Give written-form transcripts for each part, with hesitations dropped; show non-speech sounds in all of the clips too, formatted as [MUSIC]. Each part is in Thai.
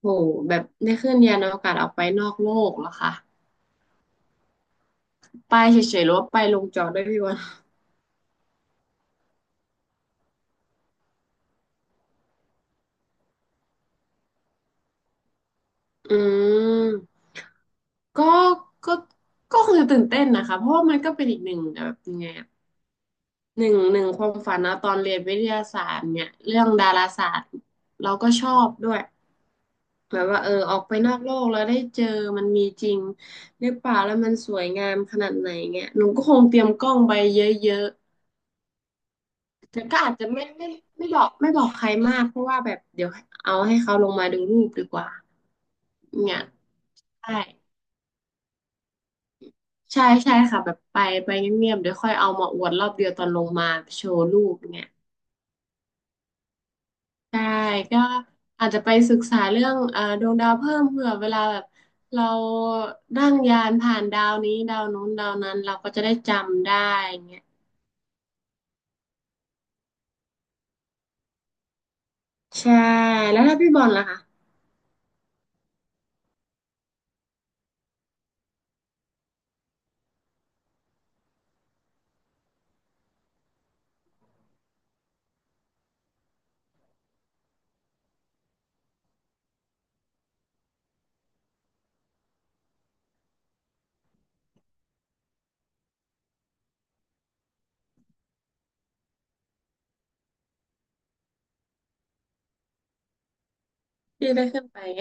โหแบบได้ขึ้นยานอวกาศออกไปนอกโลกเหรอคะไปเฉยๆหรือว่าไปลงจอดด้วยพี่วันอืมก็ก็ก็คงจะตื่นเต้นนะคะเพราะว่ามันก็เป็นอีกหนึ่งแบบยังไงอะหนึ่งความฝันนะตอนเรียนวิทยาศาสตร์เนี่ยเรื่องดาราศาสตร์เราก็ชอบด้วยแบบว่าเออออกไปนอกโลกแล้วได้เจอมันมีจริงหรือเปล่าแล้วมันสวยงามขนาดไหนเงี้ยหนูก็คงเตรียมกล้องไปเยอะ แต่ก็อาจจะไม่ไม่บอกใครมากเพราะว่าแบบเดี๋ยวเอาให้เขาลงมาดูรูปดีกว่าเนี่ยใช่ใช่ใช่ค่ะแบบไปเงียบๆเดี๋ยวค่อยเอามาอวดรอบเดียวตอนลงมาโชว์รูปเนี่ยใช่ก็อาจจะไปศึกษาเรื่องดวงดาวเพิ่มเผื่อเวลาแบบเรานั่งยานผ่านดาวนี้ดาวนู้นดาวนั้นเราก็จะได้จำได้เงี้ยใช่แล้วถ้าพี่บอลล่ะคะพี่ได้ขึ้นไปไหม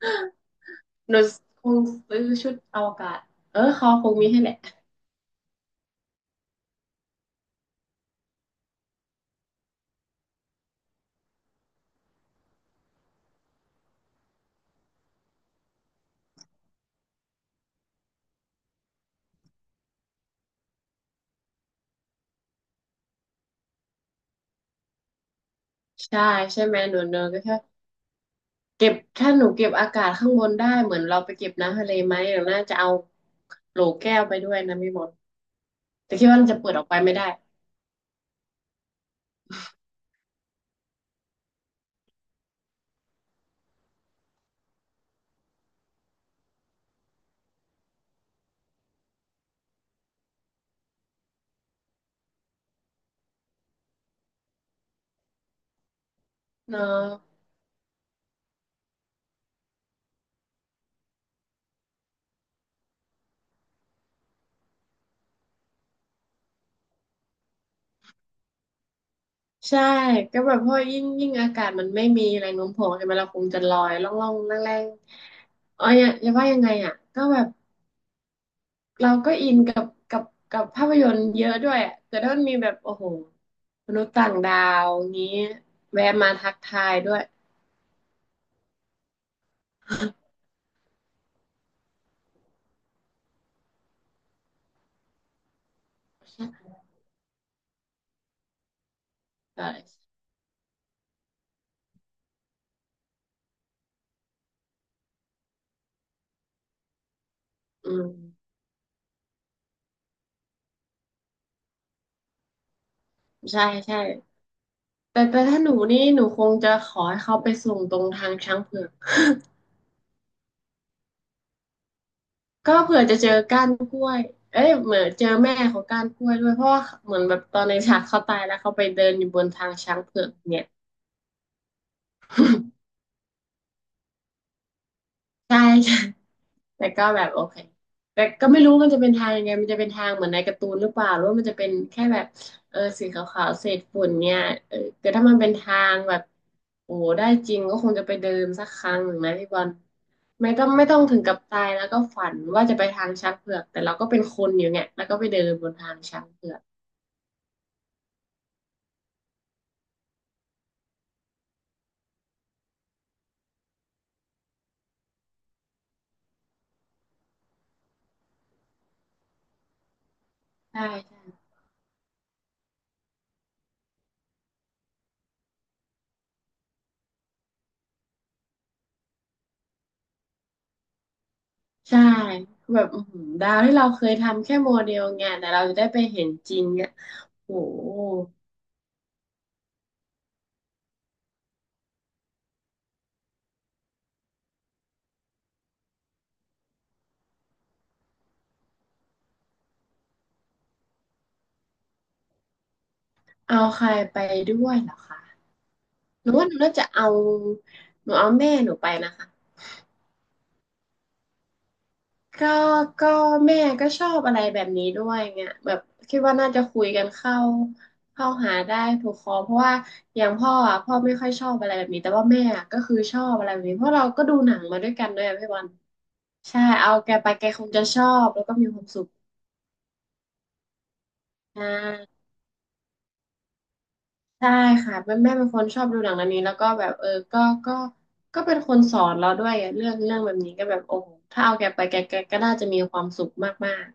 [LAUGHS] หนูคงซื้อชุดอวกาศเออเขาคงมีให้แหละใช่ใช่ไหมหนูเนอก็แค่เก็บถ้าหนูเก็บอากาศข้างบนได้เหมือนเราไปเก็บน้ำทะเลไหมหนูน่าจะเอาโหลแก้วไปด้วยนะพี่มดแต่คิดว่ามันจะเปิดออกไปไม่ได้เนอะใช่ก็แบบเพราะยิ่งอากาศมันไม่มีแรงโน้มถ่วงใช่ไหมเราคงจะลอยล่องล่องแรงแรงๆเอ๋ออย่าว่ายังไงอ่ะก็แบบ เราก็อินกับภาพยนตร์เยอะด้วยอะแต่ถ้ามันมีแบบโอ้โหมนุษย์ต่างดาวงี้แวะมาทักทายด้วยเอออืมใช่ใช่แต่ถ้าหนูนี่หนูคงจะขอให้เขาไปส่งตรงทางช้างเผือกก็เผื่อจะเจอก้านกล้วยเอ้ยเหมือนเจอแม่ของก้านกล้วยด้วยเพราะว่าเหมือนแบบตอนในฉากเขาตายแล้วเขาไปเดินอยู่บนทางช้างเผือกเนี่ย ใช่ใช่แต่ก็แบบโอเค แต่ก็ไม่รู้มันจะเป็นทางยังไง มันจะเป็นทางเหมือนในการ์ตูนหรือเปล่าหรือว่ามันจะเป็นแค่แบบเออสีขาวๆเศษฝุ่นเนี่ยเออแต่ถ้ามันเป็นทางแบบโอ้โหได้จริงก็คงจะไปเดินสักครั้งหนึ่งนะพี่บอลไม่ต้องถึงกับตายแล้วก็ฝันว่าจะไปทางช้างเผือกแต่เราก็เป็นคนอยู่เนี่ยแล้วก็ไปเดินบนทางช้างเผือกใช่ใช่ใช่แบบอื้อหือดาวที่เราเคยทำแค่โมเดลไงแต่เราจะได้ไปเห็นจริงอ่ะโห เอาใครไปด้วยเหรอคะหนูว่าหนูน่าจะเอาหนูเอาแม่หนูไปนะคะก็ก็แม่ก็ชอบอะไรแบบนี้ด้วยเงี้ยแบบคิดว่าน่าจะคุยกันเข้าหาได้ถูกคอเพราะว่าอย่างพ่ออ่ะพ่อไม่ค่อยชอบอะไรแบบนี้แต่ว่าแม่อะก็คือชอบอะไรแบบนี้เพราะเราก็ดูหนังมาด้วยกันด้วยอะพี่บอลใช่เอาแกไปแกคงจะชอบแล้วก็มีความสุขใช่ ใช่ค่ะแม่เป็นคนชอบดูหนังเรื่องนี้แล้วก็แบบเออก็ก็เป็นคนสอนเราด้วยอะเรื่องแบบนี้ก็แบบโอ้โหถ้าเอาแกไปแกแกก็น่าจะมีความสุขมาก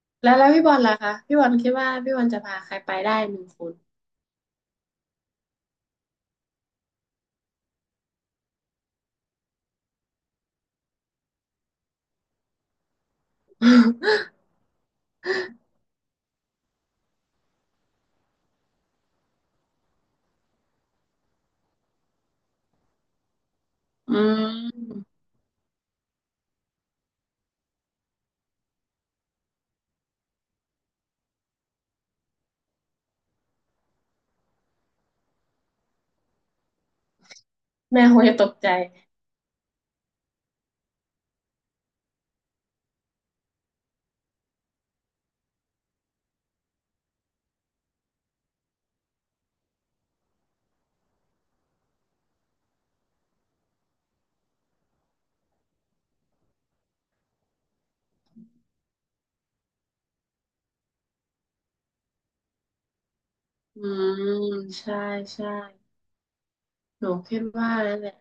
ๆแล้วแล้วพี่บอลล่ะคะพี่บอลคิดว่าพี่บอลจะพาใครไปได้หนึ่งคน [LAUGHS] อืมแม่คงจะตกใจอืมใช่ใช่หนูคิดว่านั่นแหละ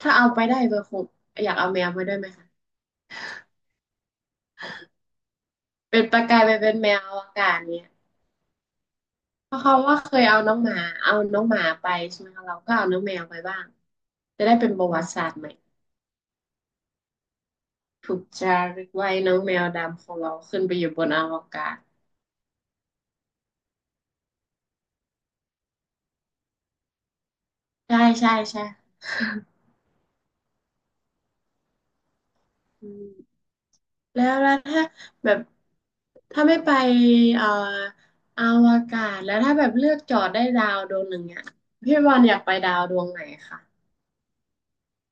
ถ้าเอาไปได้เบอร์คงอยากเอาแมวมาด้วยไหมคะเป็นประกายไปเป็นแมวอวกาศเนี่ย เพราะเขาว่าเคยเอาน้องหมาเอาน้องหมาไปใช่ไหมคะเราก็เอาน้องแมวไปบ้างจะได้เป็นประวัติศาสตร์ใหม่ถูกจารึกไว้น้องแมวดำของเราขึ้นไปอยู่บนอวกาศใช่ใช่ใช่อืมแล้วแล้วถ้าแบบถ้าไม่ไปเอ่ออวกาศแล้วถ้าแบบเลือกจอดได้ดาวดวงหนึ่งอ่ะพี่บอลอยากไปดาวดวงไหนคะ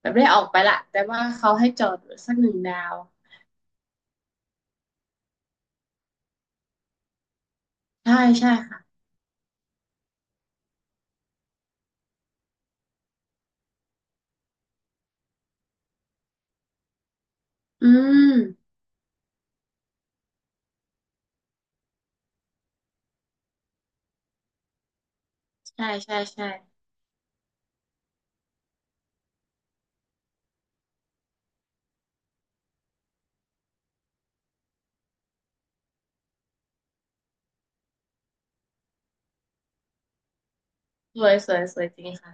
แบบได้ออกไปละแต่ว่าเขาให้จอดสักหนึ่งดาวใช่ใช่ค่ะอืมใช่ใช่ใช่สวยสวยสวยจริงค่ะ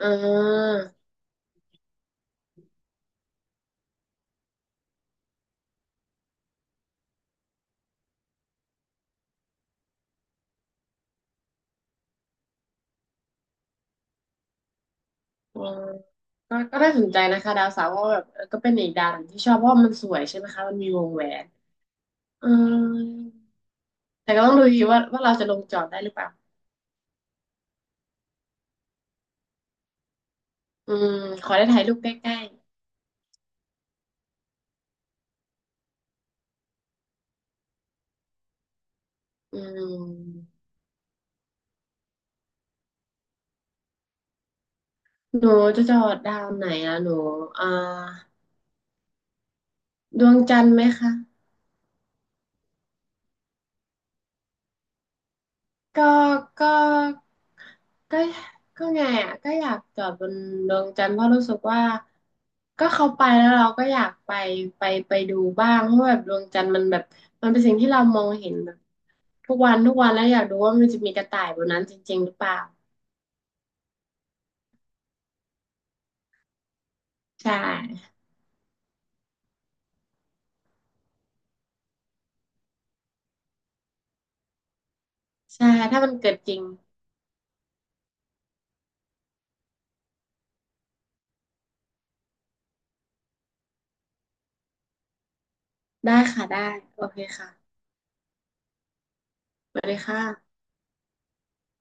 อ่าอืมก็ก็น่าสนใจนะคะดาวเสาร์ก็แบบเออก็เป็นอีกดาวหนึ่งที่ชอบเพราะว่ามันสวยใช่ไหมคะมันมีวงแหวนอืมแต่ก็ต้องดูดีว่าเราจะลงจอดได้หรือเปล่าอืมขอได้ถ่ายรูปใกล้ๆอืมหนูจะจอดดาวไหนอะหนูอ่าดวงจันทร์ไหมคะ ก็ก็ก็ก็ไงอ่ะก็อยากจอดบนดวงจันทร์เพราะรู้สึกว่าก็เขาไปแล้วเราก็อยากไปไปดูบ้างเพราะแบบดวงจันทร์มันแบบมันเป็นสิ่งที่เรามองเห็นแบบทุกวันทุกวันแล้วอยากดูว่ามันจะมีกระต่ายบนนั้นจริงๆหรือเปล่าใช่ใช่ถ้ามันเกิดจริงได้ค่ะได้โอเคค่ะสวัสดีค่ะ